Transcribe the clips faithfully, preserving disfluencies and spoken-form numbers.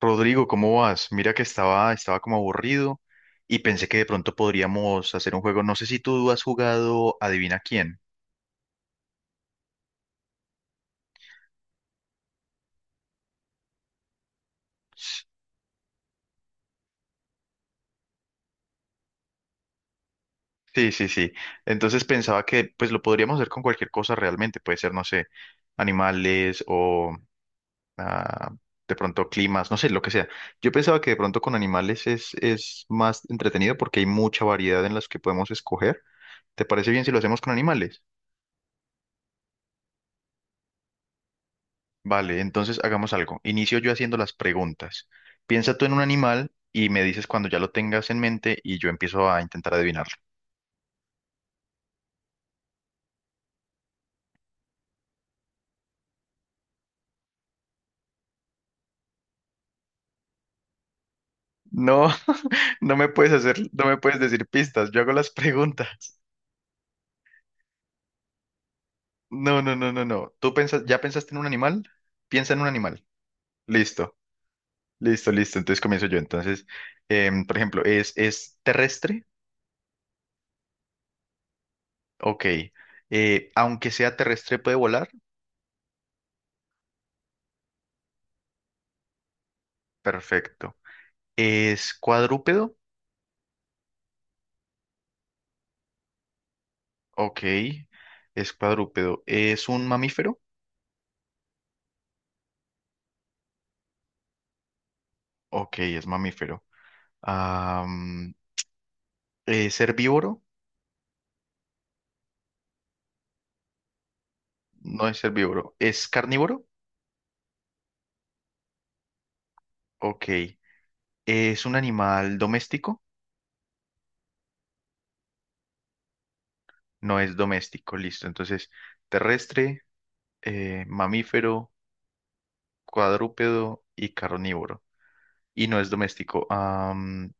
Rodrigo, ¿cómo vas? Mira que estaba, estaba como aburrido y pensé que de pronto podríamos hacer un juego. No sé si tú has jugado Adivina quién. Sí, sí, sí. Entonces pensaba que pues lo podríamos hacer con cualquier cosa realmente. Puede ser, no sé, animales o ah, de pronto climas, no sé, lo que sea. Yo pensaba que de pronto con animales es, es más entretenido porque hay mucha variedad en las que podemos escoger. ¿Te parece bien si lo hacemos con animales? Vale, entonces hagamos algo. Inicio yo haciendo las preguntas. Piensa tú en un animal y me dices cuando ya lo tengas en mente y yo empiezo a intentar adivinarlo. No, no me puedes hacer, no me puedes decir pistas, yo hago las preguntas. No, no, no, no, no. ¿Tú pensas, ya pensaste en un animal? Piensa en un animal. Listo, listo, listo. Entonces comienzo yo. Entonces, em, por ejemplo, ¿es, es terrestre? Ok. Eh, aunque sea terrestre, ¿puede volar? Perfecto. ¿Es cuadrúpedo? Ok, es cuadrúpedo. ¿Es un mamífero? Ok, es mamífero. Am, ¿es herbívoro? No es herbívoro. ¿Es carnívoro? Ok. ¿Es un animal doméstico? No es doméstico, listo. Entonces, terrestre, eh, mamífero, cuadrúpedo y carnívoro. Y no es doméstico. Am,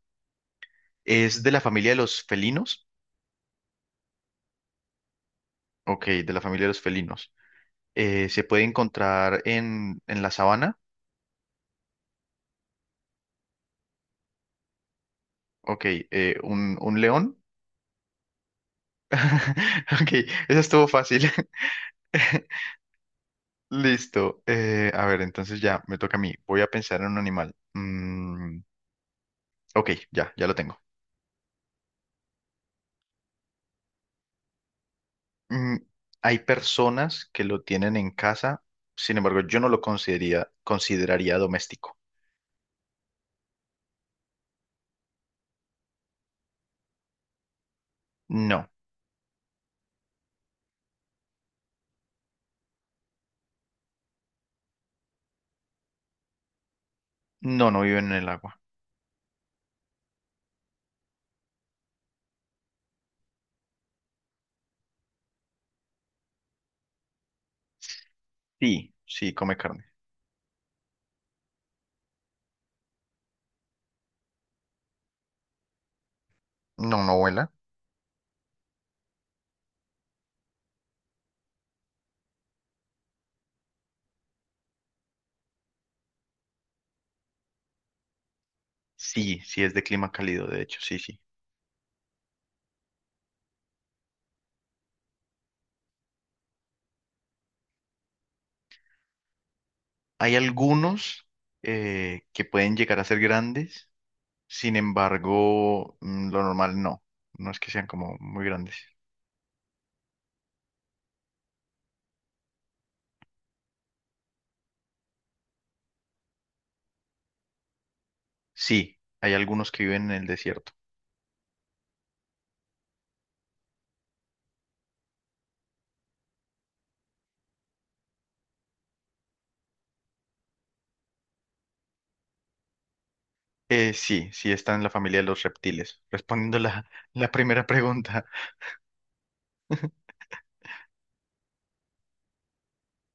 ¿es de la familia de los felinos? Ok, de la familia de los felinos. Eh, ¿se puede encontrar en, en la sabana? Ok, eh, un, un león. Ok, eso estuvo fácil. Listo. Eh, a ver, entonces ya me toca a mí. Voy a pensar en un animal. Mm, ok, ya, ya lo tengo. Mm, hay personas que lo tienen en casa, sin embargo, yo no lo consideraría, consideraría doméstico. No, no, no viven en el agua. Sí, sí, come carne. No, no vuela. Sí, sí, es de clima cálido, de hecho, sí, sí. Hay algunos eh, que pueden llegar a ser grandes. Sin embargo, mm, lo normal no. No es que sean como muy grandes. Sí, hay algunos que viven en el desierto. Eh, sí, sí están en la familia de los reptiles. Respondiendo la, la primera pregunta.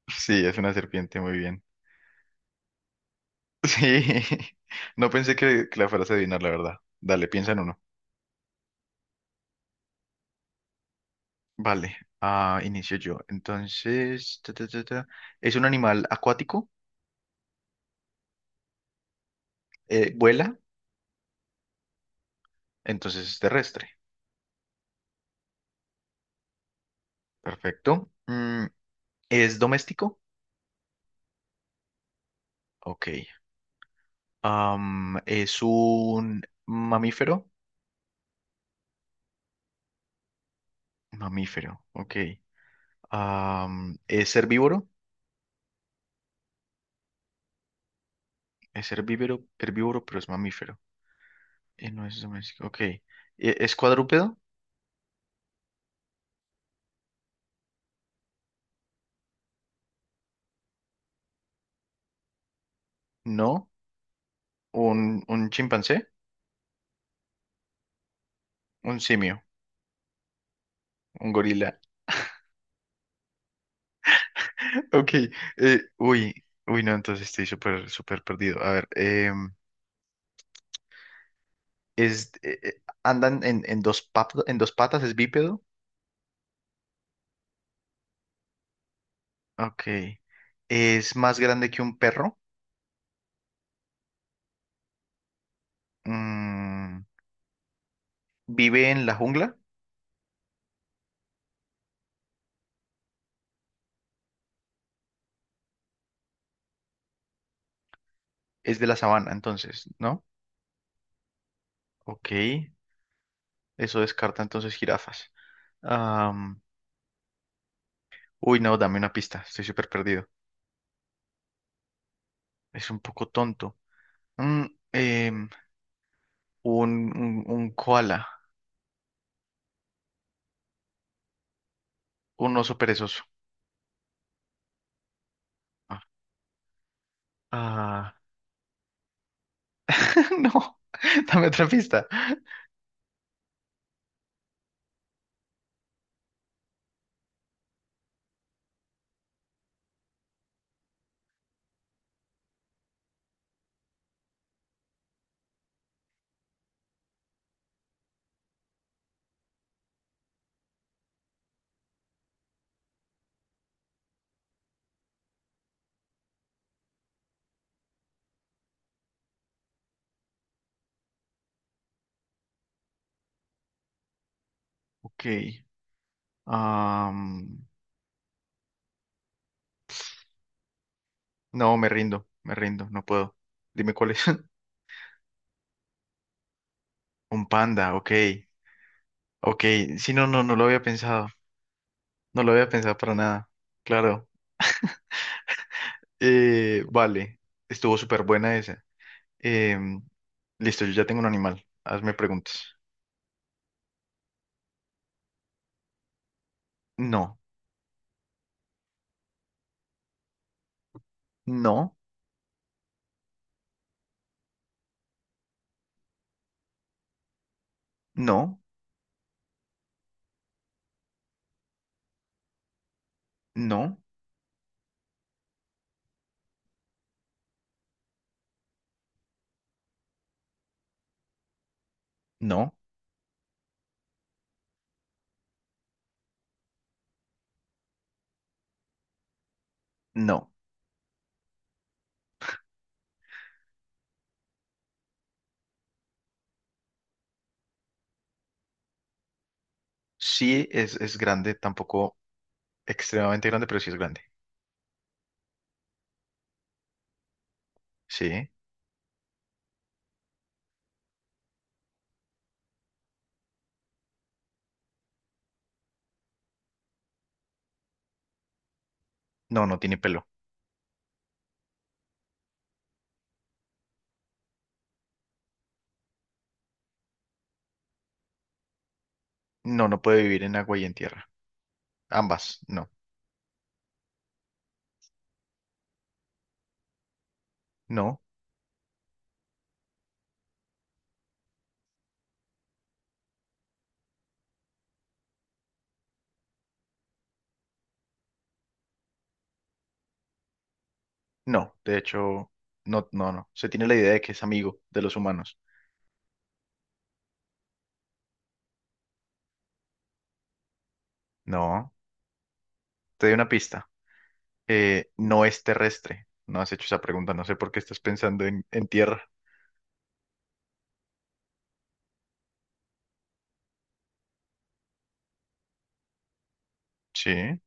Sí, es una serpiente, muy bien. Sí, no pensé que, que la fueras a adivinar, la verdad. Dale, piensa en uno. Vale, ah, inicio yo. Entonces, ta, ta, ta, ta. ¿Es un animal acuático? Eh, ¿vuela? Entonces es terrestre. Perfecto. Mm, ¿es doméstico? Ok. Am, es un mamífero. Mamífero, ok. Am, es herbívoro. Es herbívoro, herbívoro, pero es mamífero. Y no es doméstico, ok. E- ¿es cuadrúpedo? No. ¿Un, un chimpancé? Un simio. Un gorila. Ok. Eh, uy, uy, no, entonces estoy súper, súper perdido. A ver, em, es, eh, eh, ¿andan en, en dos patas en dos patas? ¿Es bípedo? Ok. ¿Es más grande que un perro? Mm, vive en la jungla, es de la sabana, entonces, ¿no? Ok, eso descarta entonces jirafas. Am, uy, no, dame una pista, estoy súper perdido. Es un poco tonto. Mm, em, un, un, un koala, un oso perezoso. Ah, ah, no, dame otra pista. Ok, am, no, me rindo, me rindo, no puedo. Dime cuál es. Un panda, ok, ok. Sí, no, no, no lo había pensado, no lo había pensado para nada. Claro. Eh, vale, estuvo súper buena esa. Em, listo, yo ya tengo un animal. Hazme preguntas. No, no, no, no, no, no. Sí es, es grande, tampoco extremadamente grande, pero sí es grande. Sí. No, no tiene pelo. No, no puede vivir en agua y en tierra. Ambas, no, no, no. De hecho, no, no, no. Se tiene la idea de que es amigo de los humanos. No, te doy una pista. Eh, no es terrestre. No has hecho esa pregunta, no sé por qué estás pensando en, en tierra. Sí.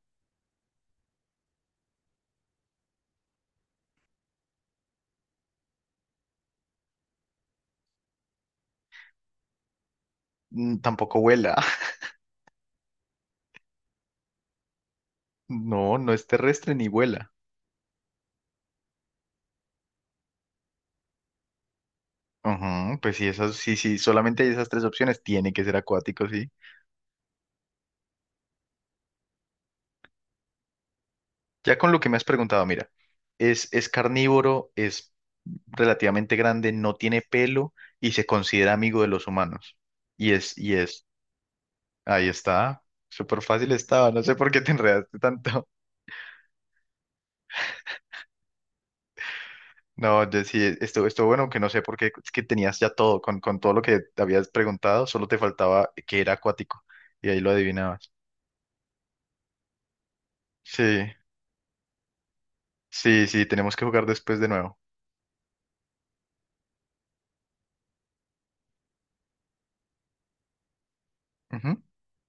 Mm, tampoco vuela. No, no es terrestre ni vuela. Ujú, pues sí, esas, sí, sí, solamente hay esas tres opciones. Tiene que ser acuático, sí. Ya con lo que me has preguntado, mira, es, es carnívoro, es relativamente grande, no tiene pelo y se considera amigo de los humanos. Y es, y es, ahí está. Súper fácil estaba, no sé por qué te enredaste tanto. No, de- sí, esto, esto bueno, aunque no sé por qué, es que tenías ya todo, con, con todo lo que te habías preguntado, solo te faltaba que era acuático, y ahí lo adivinabas. Sí, sí, sí, tenemos que jugar después de nuevo. Ujú.